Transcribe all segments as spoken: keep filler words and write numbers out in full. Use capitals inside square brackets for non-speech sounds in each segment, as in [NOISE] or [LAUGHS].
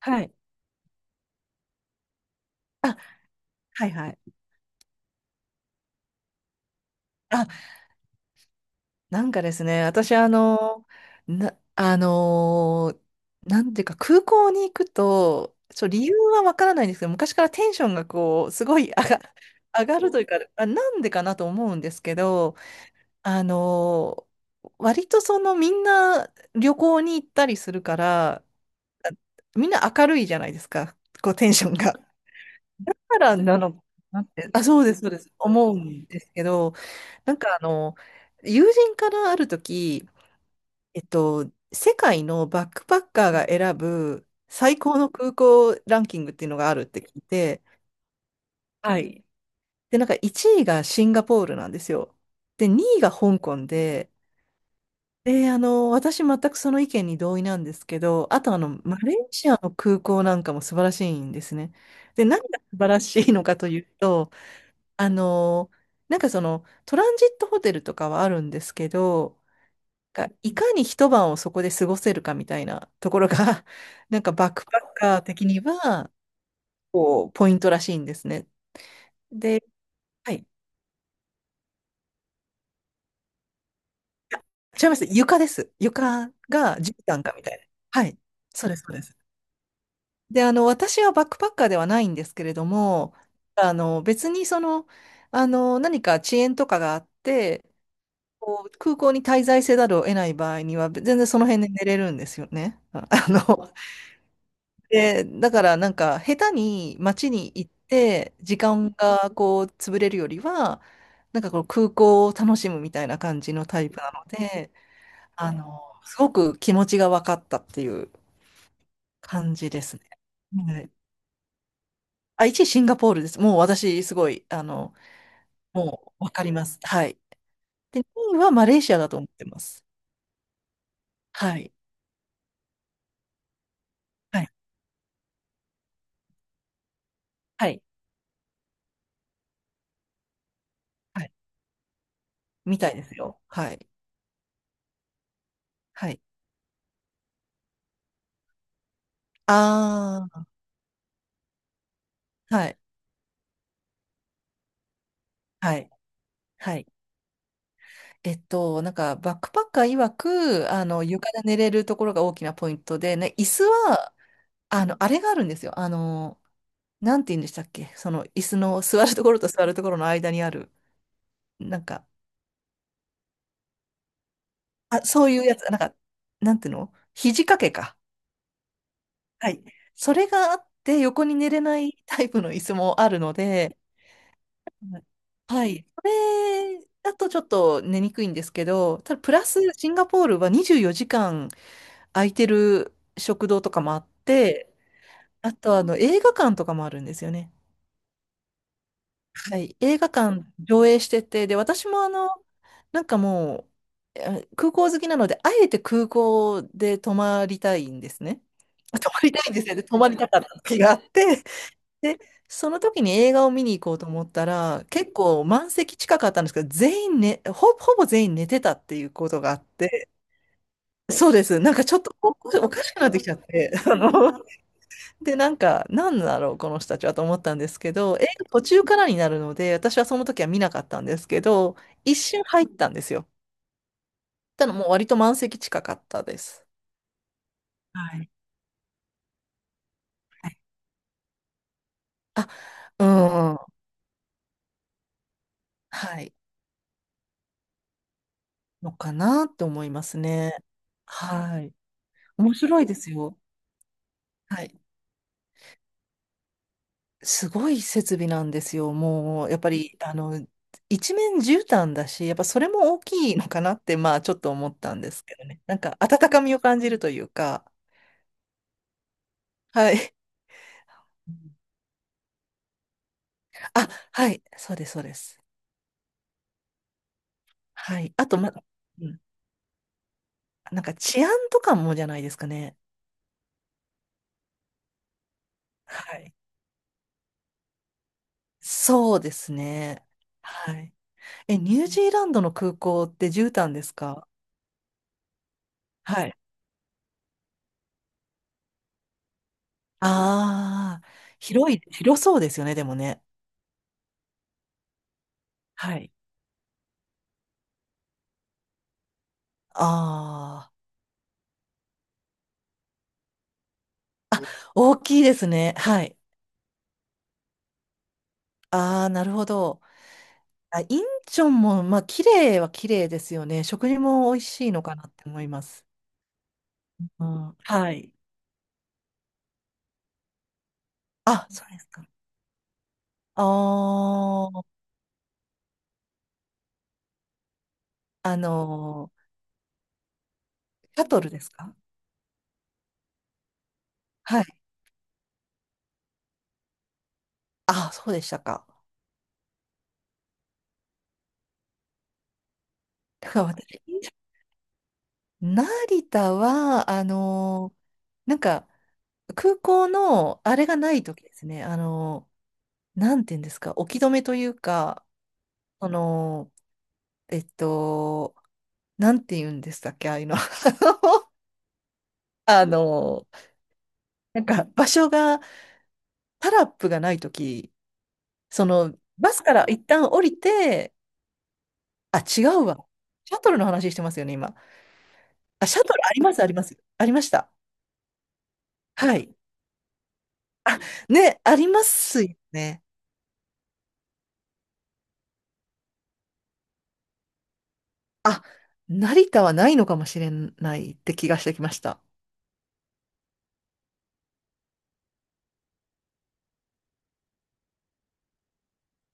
はい。あ、はいはい。あ、なんかですね、私あの、な、あのなんていうか空港に行くと、そう、理由はわからないんですけど、昔からテンションがこう、すごい上が、上がるというか、あ、なんでかなと思うんですけど、あの割とそのみんな旅行に行ったりするから、みんな明るいじゃないですか、こうテンションが。からなのかなって、あ、そうです、そうです、思うんですけど、なんかあの、友人からある時、えっと、世界のバックパッカーが選ぶ最高の空港ランキングっていうのがあるって聞いて、はい。で、なんかいちいがシンガポールなんですよ。で、にいが香港で、で、あの、私全くその意見に同意なんですけど、あとあの、マレーシアの空港なんかも素晴らしいんですね。で、何が素晴らしいのかというと、あのーなんかそのトランジットホテルとかはあるんですけど、がいかに一晩をそこで過ごせるかみたいなところが、[LAUGHS] なんかバックパッカー的には、こう、ポイントらしいんですね。で、はい。違います。床です。床が絨毯かみたいな。はい。そうです、そうです。で、あの、私はバックパッカーではないんですけれども、あの、別にその、あの、何か遅延とかがあって、こう空港に滞在せざるを得ない場合には、全然その辺で寝れるんですよね。あ [LAUGHS] あの、で、だからなんか、下手に街に行って、時間がこう、潰れるよりは、なんかこの空港を楽しむみたいな感じのタイプなので、あの、すごく気持ちが分かったっていう感じですね。はい。あ、いちいシンガポールです。もう私、すごい、あの、もう分かります。はい。で、にいはマレーシアだと思ってます。はい。はい。はい。はい、みたいですよ。はい。はい。ああ、はい。はい。はい。えっと、なんか、バックパッカー曰く、あの、床で寝れるところが大きなポイントで、ね、椅子は、あの、あれがあるんですよ。あの、なんて言うんでしたっけ、その、椅子の座るところと座るところの間にある、なんか、あ、そういうやつ、なんか、なんていうの、肘掛けか。はい。それがあって、横に寝れないタイプの椅子もあるので、はい。はい、それだとちょっと寝にくいんですけど、ただプラスシンガポールはにじゅうよじかん空いてる食堂とかもあって、あとあの映画館とかもあるんですよね。はい。映画館上映してて、で、私もあの、なんかもう、え空港好きなので、あえて空港で泊まりたいんですね。泊まりたいんですよね。泊まりたかった時があって、で、その時に映画を見に行こうと思ったら、結構満席近かったんですけど、全員ね、ほ、ほぼ全員寝てたっていうことがあって、そうです。なんかちょっとお、おかしくなってきちゃって、[LAUGHS] あの、で、なんか、なんだろう、この人たちはと思ったんですけど、映画途中からになるので、私はその時は見なかったんですけど、一瞬入ったんですよ。ただもう割と満席近かったです。はい、あ、うん、はい。のかなって思いますね。はい。面白いですよ。はい。すごい設備なんですよ。もう、やっぱり、あの、一面絨毯だし、やっぱそれも大きいのかなって、まあ、ちょっと思ったんですけどね。なんか、温かみを感じるというか、はい。うん、あ、はい、そうです、そうです。はい。あと、ま、うん、なんか治安とかもじゃないですかね。はい。そうですね。はい。え、ニュージーランドの空港って絨毯ですか？はい。ああ、広い、広そうですよね、でもね。はい。ああ。大きいですね。はい。ああ、なるほど。あ、インチョンも、まあ、綺麗は綺麗ですよね。食事も美味しいのかなって思います。うん、はい。あ、そうですか。ああ、あのー、シャトルですか？はい。あ、そうでしたか。だから私、成田は、あのー、なんか、空港の、あれがない時ですね。あのー、なんていうんですか、置き止めというか、その、えっと、なんて言うんでしたっけ、ああいうの。[LAUGHS] あの、なんか場所が、タラップがないとき、その、バスから一旦降りて、あ、違うわ。シャトルの話してますよね、今。あ、シャトルあります、あります。ありました。はい。ね、ありますよね。あ、成田はないのかもしれないって気がしてきました。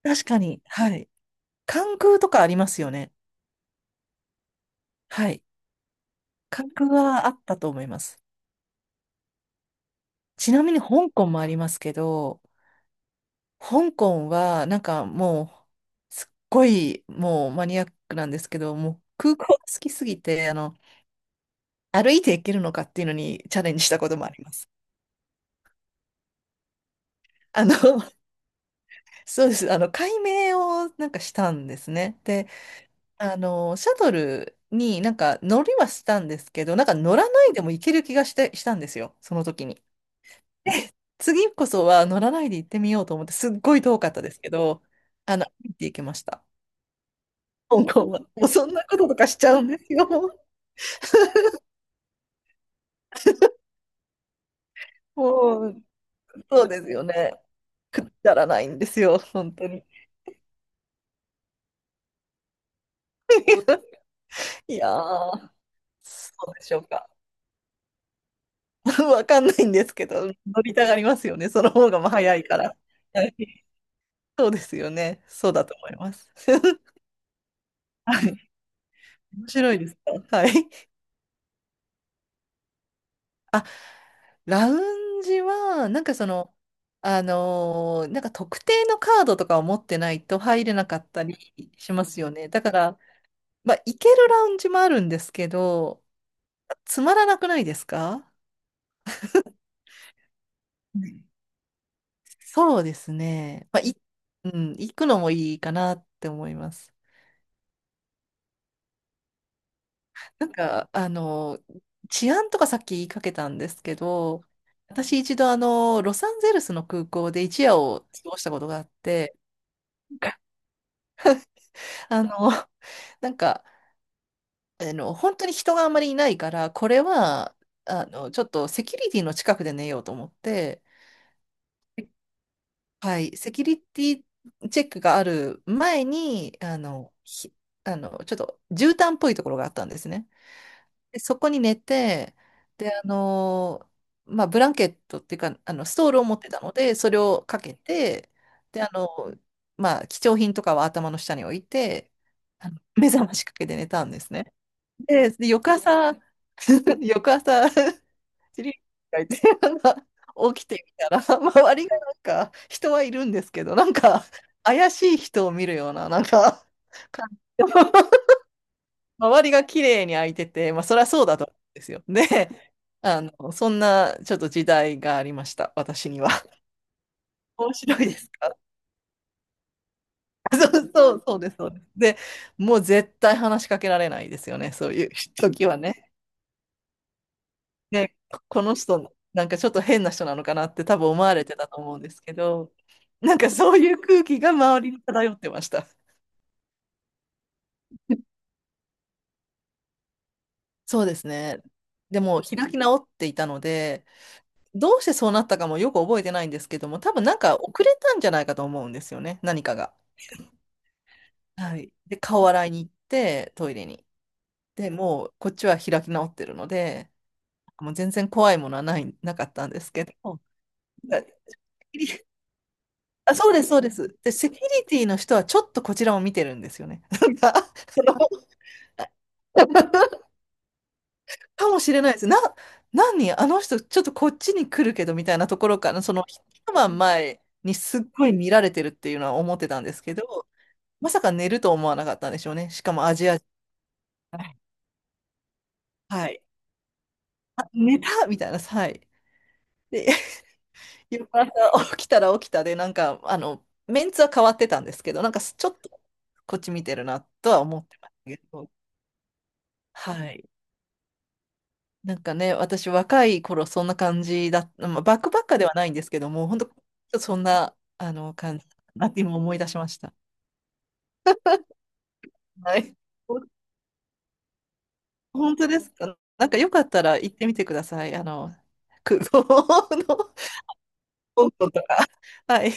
確かに、はい。関空とかありますよね。はい。関空はあったと思います。ちなみに香港もありますけど、香港は、なんかもう、すっごい、もうマニアックなんですけど、もう空港が好きすぎて、あの、歩いて行けるのかっていうのにチャレンジしたこともあります。あの、[LAUGHS] そうです。あの、改名をなんかしたんですね。で、あの、シャトルになんか乗りはしたんですけど、なんか乗らないでも行ける気がして、したんですよ。その時に。次こそは乗らないで行ってみようと思って、すっごい遠かったですけど、あの、歩いて行けました。香港は。もうそんなこととかしちゃうんですよ。もう、そうですよね。くだらないんですよ、本当に。[LAUGHS] いやー、そうでしょうか。[LAUGHS] わかんないんですけど、乗りたがりますよね。その方がまあ早いから。はい、そうですよね。そうだと思います。[LAUGHS] はい。面白いですか。はい。あ、ラウンジは、なんかその、あのーなんか特定のカードとかを持ってないと入れなかったりしますよね。だから、まあ、行けるラウンジもあるんですけど、つまらなくないですか？はい、そうですね。まあ、い、うん、行くのもいいかなって思います。なんか、あの、治安とかさっき言いかけたんですけど、私一度あの、ロサンゼルスの空港で一夜を過ごしたことがあって、あの、なんか、あの、本当に人があんまりいないから、これは、あの、ちょっとセキュリティの近くで寝ようと思って、はい、セキュリティチェックがある前に、あの、ひ、あの、ちょっと絨毯っぽいところがあったんですね。で、そこに寝て、で、あの、まあ、ブランケットっていうか、あの、ストールを持ってたので、それをかけて、で、あの、まあ、貴重品とかは頭の下に置いて、あの目覚ましかけて寝たんですね。で、で翌朝、[LAUGHS] 翌朝チリがいて、なんか起きてみたら、[LAUGHS] 周りがなんか人はいるんですけど、なんか怪しい人を見るような、なんか感じで [LAUGHS] 周りが綺麗に開いてて、まあそりゃそうだと思うんですよ。で、あの、そんなちょっと時代がありました、私には。[LAUGHS] 面白いですか？ [LAUGHS] そうそう、そうです、そうです。で、もう絶対話しかけられないですよね、そういう時はね。ね、ここの人、なんかちょっと変な人なのかなって多分思われてたと思うんですけど、なんかそういう空気が周りに漂ってました。そうですね。でも開き直っていたので、どうしてそうなったかもよく覚えてないんですけども、多分なんか遅れたんじゃないかと思うんですよね、何かが。はい。で、顔洗いに行って、トイレに。で、もうこっちは開き直ってるので、もう全然怖いものはない、なかったんですけど、あ、そうです、そうです。で、セキュリティの人はちょっとこちらを見てるんですよね。[LAUGHS] なんか、その [LAUGHS] かもしれないです。な、何あの人、ちょっとこっちに来るけどみたいなところから、その一晩前にすっごい見られてるっていうのは思ってたんですけど、まさか寝ると思わなかったんでしょうね。しかもアジア人。はい。あ、寝たみたいな、はい。で、[LAUGHS] 夕方起きたら起きたで、なんか、あの、メンツは変わってたんですけど、なんかちょっとこっち見てるなとは思ってましたけど、はい。なんかね、私若い頃そんな感じだ、まあ、バックバッカーではないんですけども、本当そんなあの感じだなって今思い出しました。はい。ほ本当ですか。なんかよかったら行ってみてください。あの、空港の香港 [LAUGHS] とか。はい。